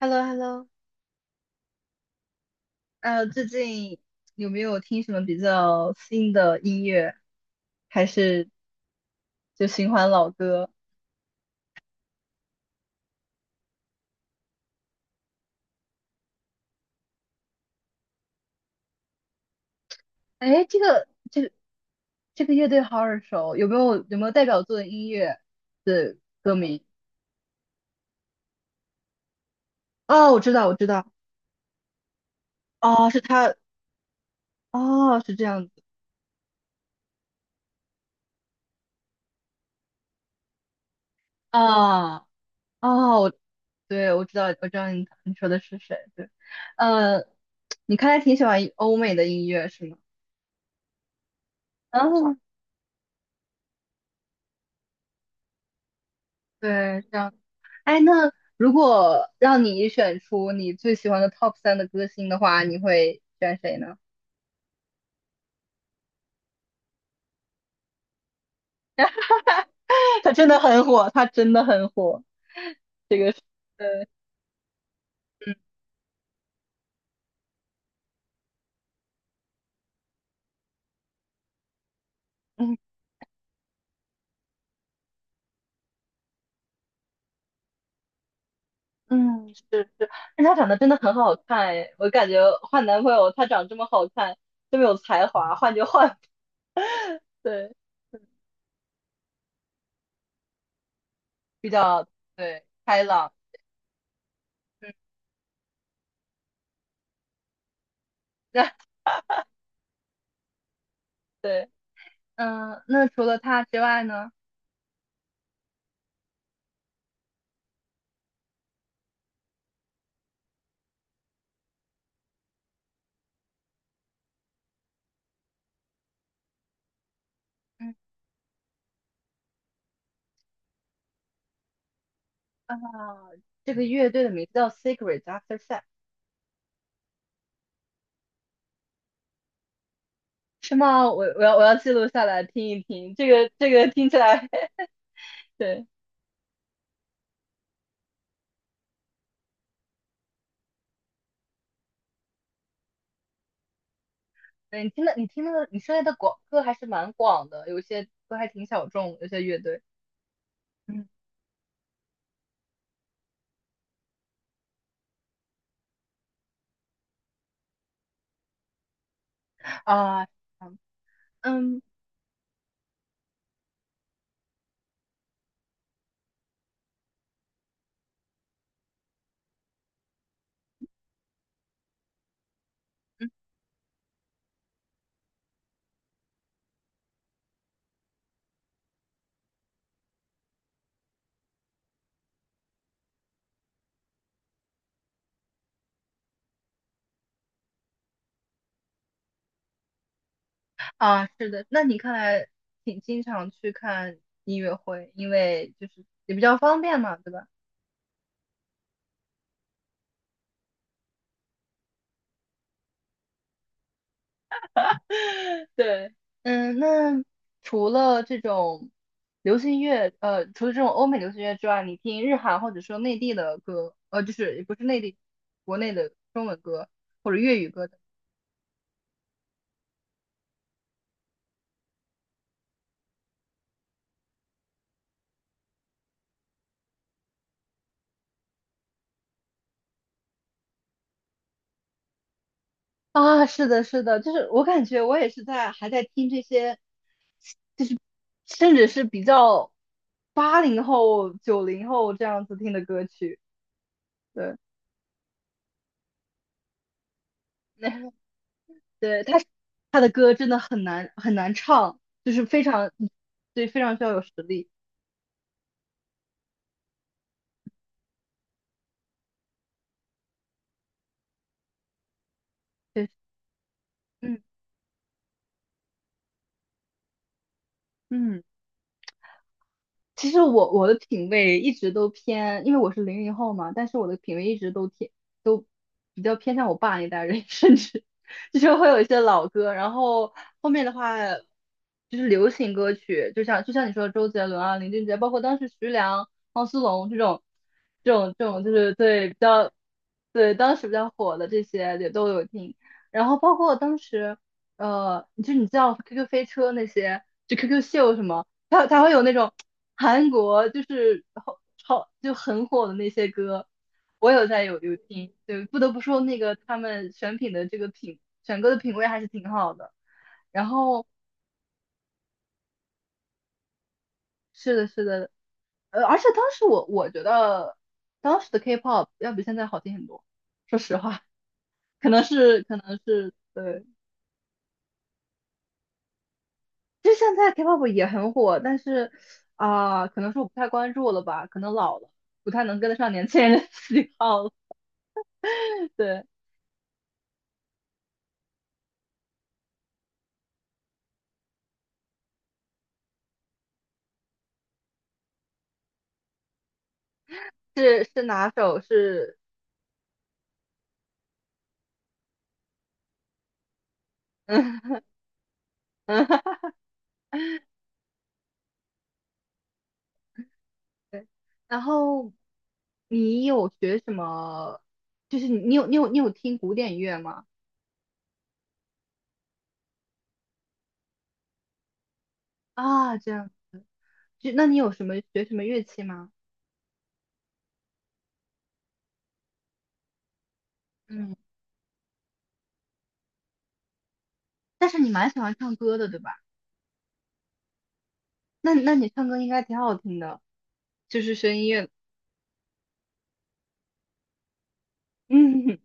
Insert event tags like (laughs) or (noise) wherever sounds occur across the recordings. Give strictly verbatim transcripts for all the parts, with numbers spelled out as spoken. h e l l o h e l l o。 呃，最近有没有听什么比较新的音乐，还是就循环老歌？哎，这个这这个乐队好耳熟，有没有有没有代表作的音乐的歌名？哦，我知道，我知道，哦，是他哦，是这样子。啊，哦，我对，我知道我知道你你说的是谁，对，呃，你看来挺喜欢欧美的音乐是吗？哦，对，这样。哎，那如果让你选出你最喜欢的 top 三的歌星的话，你会选谁呢？(laughs) 他真的很火，他真的很火。这个是 (laughs)，呃，嗯嗯，是是，但他长得真的很好看哎，我感觉换男朋友他长这么好看，这么有才华，换就换。(laughs) 对，嗯，比较，对，开朗，嗯，(laughs) 对，嗯，那除了他之外呢？嗯，啊，这个乐队的名字叫 s e c r e t After Sex。是吗？我我要我要记录下来听一听，这个这个听起来 (laughs)，对，对，你听的你听的你涉猎的广歌还是蛮广的，有些歌还挺小众，有些乐队。嗯，啊，嗯嗯嗯，啊，是的，那你看来挺经常去看音乐会，因为就是也比较方便嘛，对吧？(laughs) 对，嗯，那除了这种流行乐，呃，除了这种欧美流行乐之外，你听日韩或者说内地的歌，呃，就是也不是内地，国内的中文歌或者粤语歌的啊，是的，是的，就是我感觉我也是在还在听这些，就是甚至是比较八零后、九零后这样子听的歌曲。对，(laughs) 那对，他他 (laughs) 的歌真的很难很难唱，就是非常，对，非常需要有实力。对。嗯嗯，其实我我的品味一直都偏，因为我是零零后嘛，但是我的品味一直都偏都比较偏向我爸那代人，(laughs) 甚至就是会有一些老歌，然后后面的话就是流行歌曲，就像就像你说的周杰伦啊、林俊杰，包括当时徐良、汪苏泷这种这种这种就是对比较对当时比较火的这些也都有听，然后包括当时呃，就你知道 Q Q 飞车那些，就 Q Q 秀什么。它它会有那种韩国就是好超就很火的那些歌，我有在有有听，对，不得不说那个他们选品的这个品选歌的品味还是挺好的。然后是的，是的，呃，而且当时我我觉得当时的 K-pop 要比现在好听很多，说实话，可能是可能是对，就现在 K-pop 也很火，但是啊、可能是我不太关注了吧，可能老了，不太能跟得上年轻人的喜好。对。是是哪首？是，嗯嗯，(laughs) 对。然后你有学什么？就是你你有你有你有听古典乐吗？啊，这样，就那你有什么学什么乐器吗？嗯，但是你蛮喜欢唱歌的，对吧？那那你唱歌应该挺好听的，就是声音乐，(laughs) 嗯，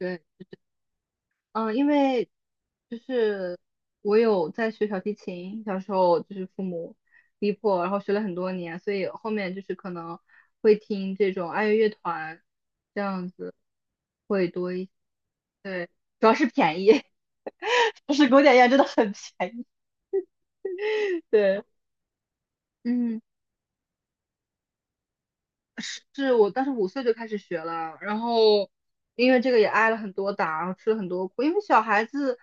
对。嗯，因为就是我有在学小提琴，小时候就是父母逼迫，然后学了很多年，所以后面就是可能会听这种爱乐乐团这样子会多一些。对，主要是便宜，(laughs) 就是古典乐真的很便宜。(laughs) 对，嗯。是我当时五岁就开始学了，然后因为这个也挨了很多打，然后吃了很多苦。因为小孩子，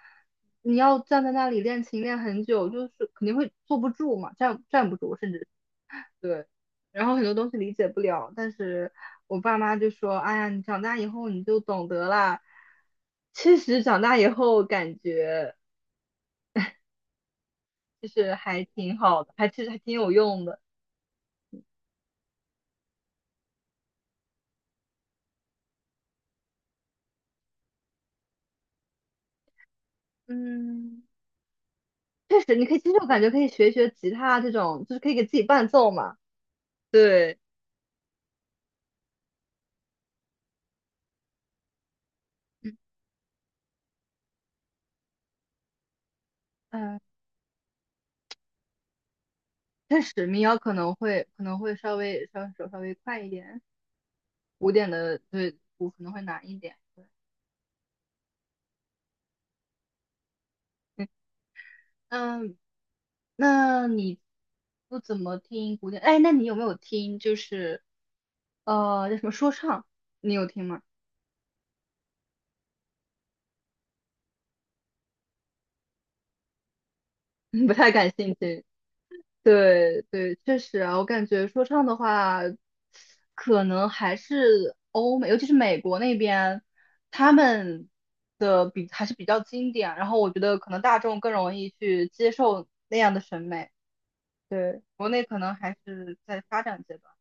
你要站在那里练琴练很久，就是肯定会坐不住嘛，站站不住，甚至对。然后很多东西理解不了，但是我爸妈就说："哎呀，你长大以后你就懂得啦。"其实，长大以后感觉就是还挺好的，还其实还挺有用的。嗯，确实，你可以，其实我感觉可以学一学吉他这种，就是可以给自己伴奏嘛。对，嗯嗯，确实，民谣可能会可能会稍微稍手稍微快一点，古典的对鼓可能会难一点。对，嗯，那你不怎么听古典？哎，那你有没有听就是呃叫什么说唱？你有听吗？(laughs) 不太感兴趣。对对，确实啊，我感觉说唱的话，可能还是欧美，尤其是美国那边，他们的比还是比较经典。然后我觉得可能大众更容易去接受那样的审美。对，国内可能还是在发展阶段。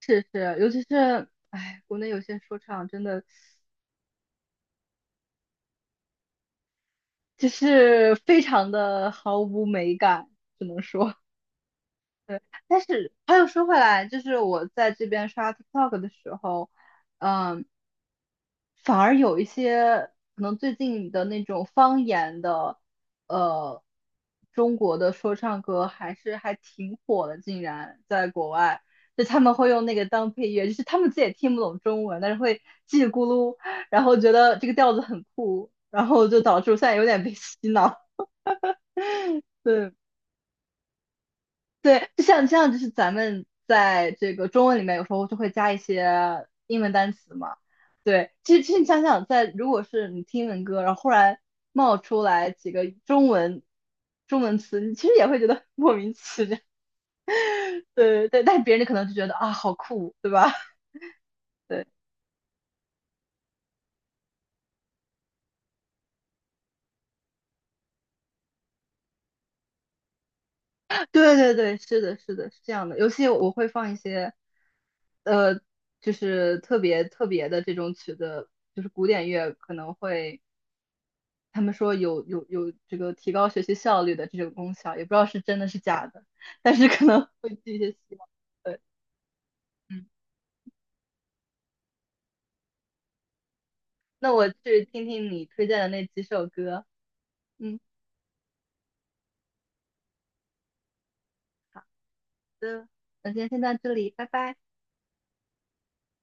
是是，尤其是哎，国内有些说唱真的就是非常的毫无美感，只能说。对，但是话又说回来，就是我在这边刷 TikTok 的时候，嗯，反而有一些可能最近的那种方言的，呃，中国的说唱歌还是还挺火的，竟然在国外，就他们会用那个当配乐，就是他们自己也听不懂中文，但是会叽里咕噜，然后觉得这个调子很酷，然后就导致我现在有点被洗脑。(laughs) 对，对，就像像就是咱们在这个中文里面有时候就会加一些英文单词嘛。对，其实其实你想想在，如果是你听英文歌，然后忽然冒出来几个中文中文词，你其实也会觉得 (laughs) 莫名其妙。(laughs) 对对，但别人可能就觉得啊，好酷，对吧？(laughs) 对对对对，是的，是的，是这样的。尤其我会放一些呃，就是特别特别的这种曲子，就是古典乐可能会。他们说有有有这个提高学习效率的这种功效，也不知道是真的是假的，但是可能会寄一些希望。对，嗯，那我去听听你推荐的那几首歌。嗯，好的，那今天先到这里，拜拜。